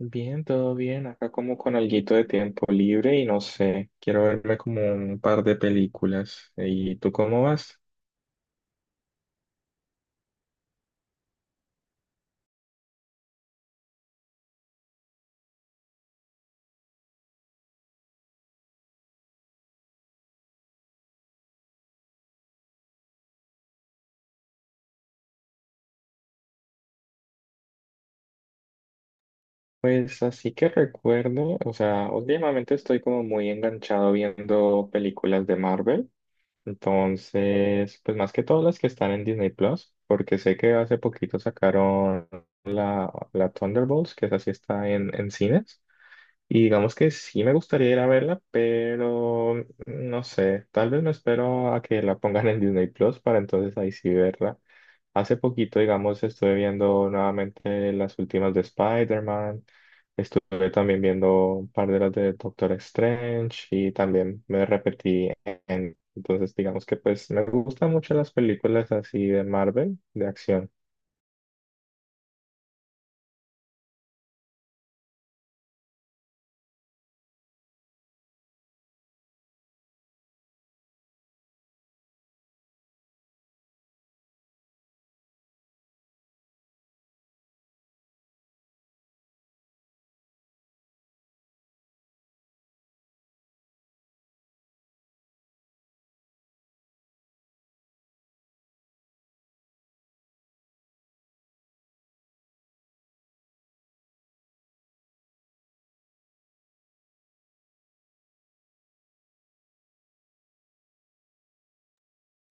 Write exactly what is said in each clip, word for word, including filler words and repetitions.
Bien, todo bien. Acá como con alguito de tiempo libre y no sé, quiero verme como un par de películas. ¿Y tú cómo vas? Pues así que recuerdo, o sea, últimamente estoy como muy enganchado viendo películas de Marvel. Entonces, pues más que todas las que están en Disney Plus, porque sé que hace poquito sacaron la, la Thunderbolts, que esa sí está en, en cines. Y digamos que sí me gustaría ir a verla, pero no sé, tal vez me espero a que la pongan en Disney Plus para entonces ahí sí verla. Hace poquito, digamos, estuve viendo nuevamente las últimas de Spider-Man, estuve también viendo un par de las de Doctor Strange y también me repetí en… Entonces, digamos que pues me gustan mucho las películas así de Marvel, de acción.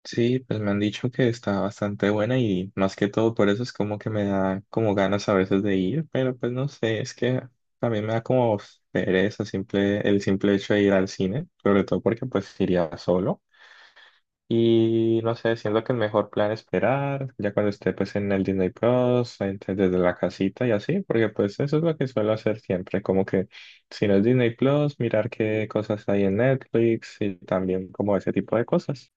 Sí, pues me han dicho que está bastante buena y más que todo por eso es como que me da como ganas a veces de ir, pero pues no sé, es que también me da como pereza simple, el simple hecho de ir al cine, sobre todo porque pues iría solo y no sé, siento que el mejor plan es esperar ya cuando esté pues en el Disney Plus, entre- desde la casita y así, porque pues eso es lo que suelo hacer siempre, como que si no es Disney Plus, mirar qué cosas hay en Netflix y también como ese tipo de cosas.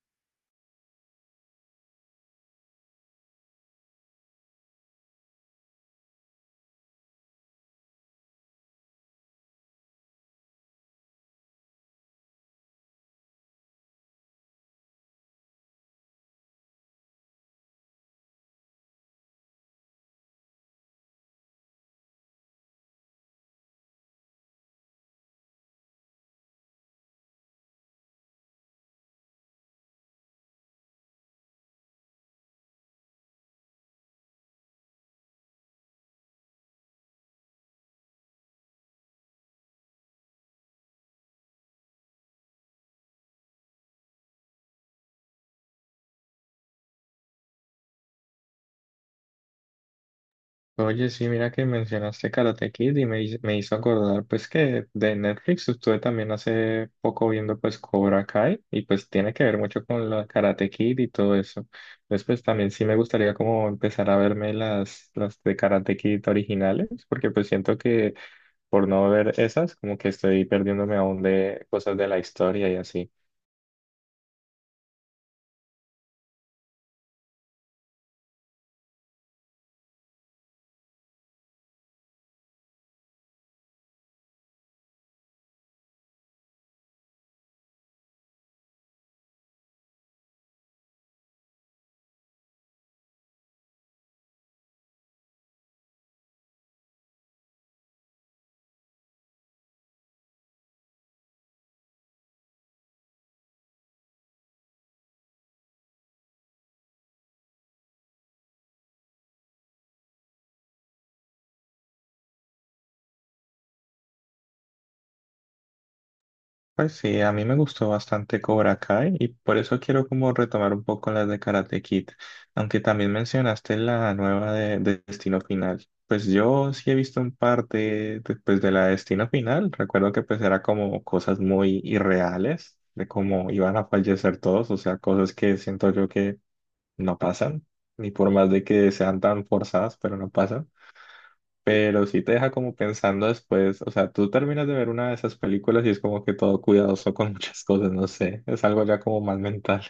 Oye, sí, mira que mencionaste Karate Kid y me, hiz- me hizo acordar pues que de Netflix estuve también hace poco viendo pues Cobra Kai y pues tiene que ver mucho con la Karate Kid y todo eso. Entonces pues también sí me gustaría como empezar a verme las, las de Karate Kid originales porque pues siento que por no ver esas como que estoy perdiéndome aún de cosas de la historia y así. Pues sí, a mí me gustó bastante Cobra Kai y por eso quiero como retomar un poco las de Karate Kid, aunque también mencionaste la nueva de, de Destino Final. Pues yo sí he visto un par de, de, pues, de la de Destino Final, recuerdo que pues era como cosas muy irreales, de cómo iban a fallecer todos, o sea, cosas que siento yo que no pasan, ni por más de que sean tan forzadas, pero no pasan, pero sí te deja como pensando después, o sea, tú terminas de ver una de esas películas y es como que todo cuidadoso con muchas cosas, no sé, es algo ya como más mental.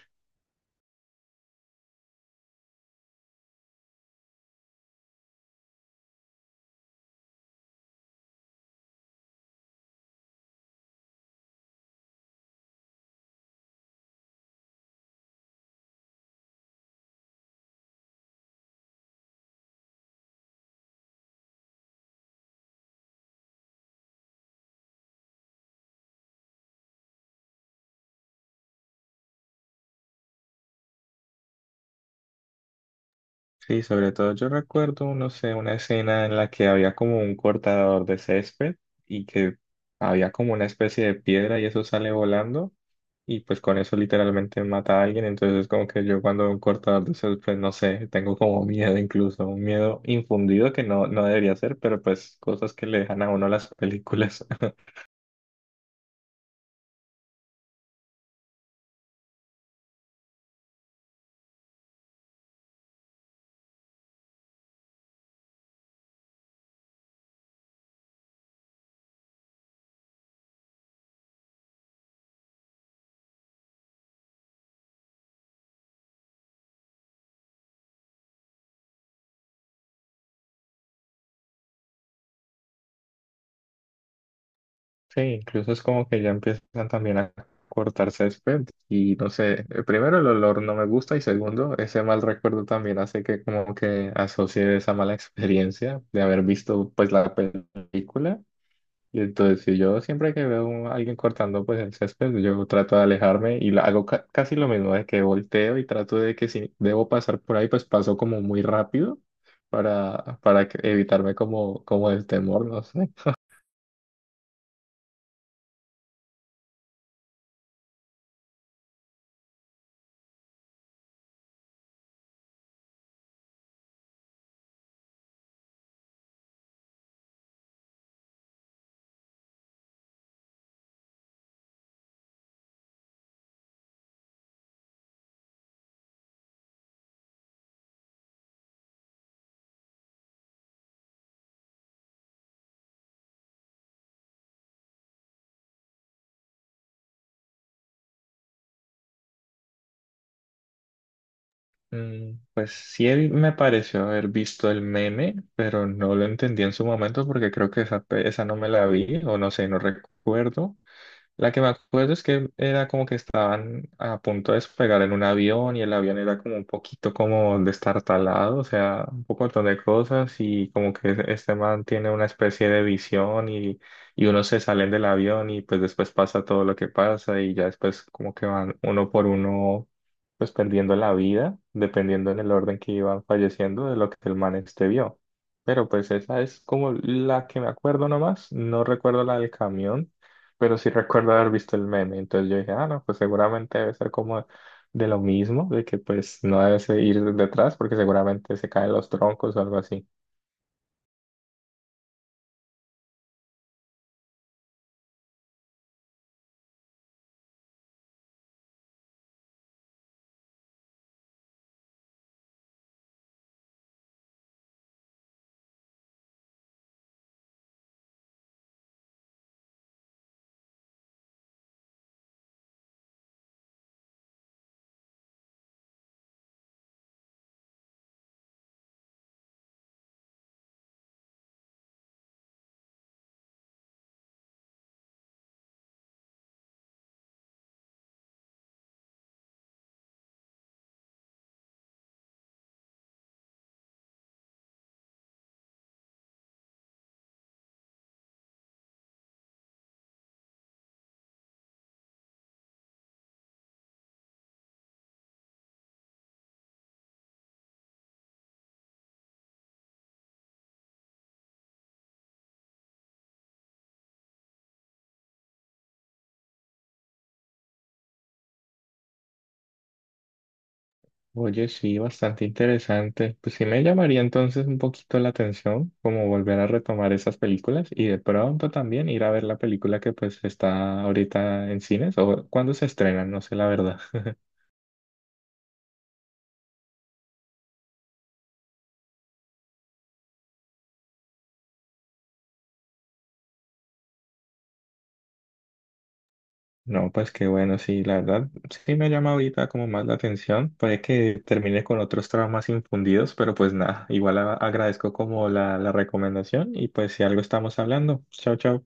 Sí, sobre todo yo recuerdo, no sé, una escena en la que había como un cortador de césped y que había como una especie de piedra y eso sale volando y pues con eso literalmente mata a alguien, entonces es como que yo cuando veo un cortador de césped, no sé, tengo como miedo incluso, un miedo infundido que no, no debería ser, pero pues cosas que le dejan a uno las películas. Sí, incluso es como que ya empiezan también a cortar césped y no sé, eh, primero el olor no me gusta y segundo, ese mal recuerdo también hace que como que asocie esa mala experiencia de haber visto pues la película. Y entonces si yo siempre que veo a alguien cortando pues el césped, yo trato de alejarme y la- hago ca- casi lo mismo de que volteo y trato de que si debo pasar por ahí, pues paso como muy rápido para, para que- evitarme como, como el temor, no sé. Mm, pues sí él- me pareció haber visto el meme, pero no lo entendí en su momento porque creo que esa, pe- esa no me la vi o no sé, no recuerdo. La que me acuerdo es que era como que estaban a punto de despegar en un avión y el avión era como un poquito como destartalado, o sea, un poco montón de cosas y como que e-, este man tiene una especie de visión y, y uno se salen del avión y pues después pasa todo lo que pasa y ya después como que van uno por uno pues perdiendo la vida, dependiendo en el orden que iban falleciendo de lo que el man este vio. Pero pues esa es como la que me acuerdo nomás, no recuerdo la del camión, pero sí recuerdo haber visto el meme, entonces yo dije, ah, no, pues seguramente debe ser como de lo mismo, de que pues no debes ir detrás porque seguramente se caen los troncos o algo así. Oye, sí, bastante interesante. Pues sí me llamaría entonces un poquito la atención, como volver a retomar esas películas y de pronto también ir a ver la película que pues está ahorita en cines o cuando se estrenan, no sé la verdad. No, pues qué bueno, sí, la verdad sí me llama ahorita como más la atención, puede que termine con otros traumas infundidos, pero pues nada, igual a- agradezco como la, la recomendación y pues si algo estamos hablando. Chao, chao.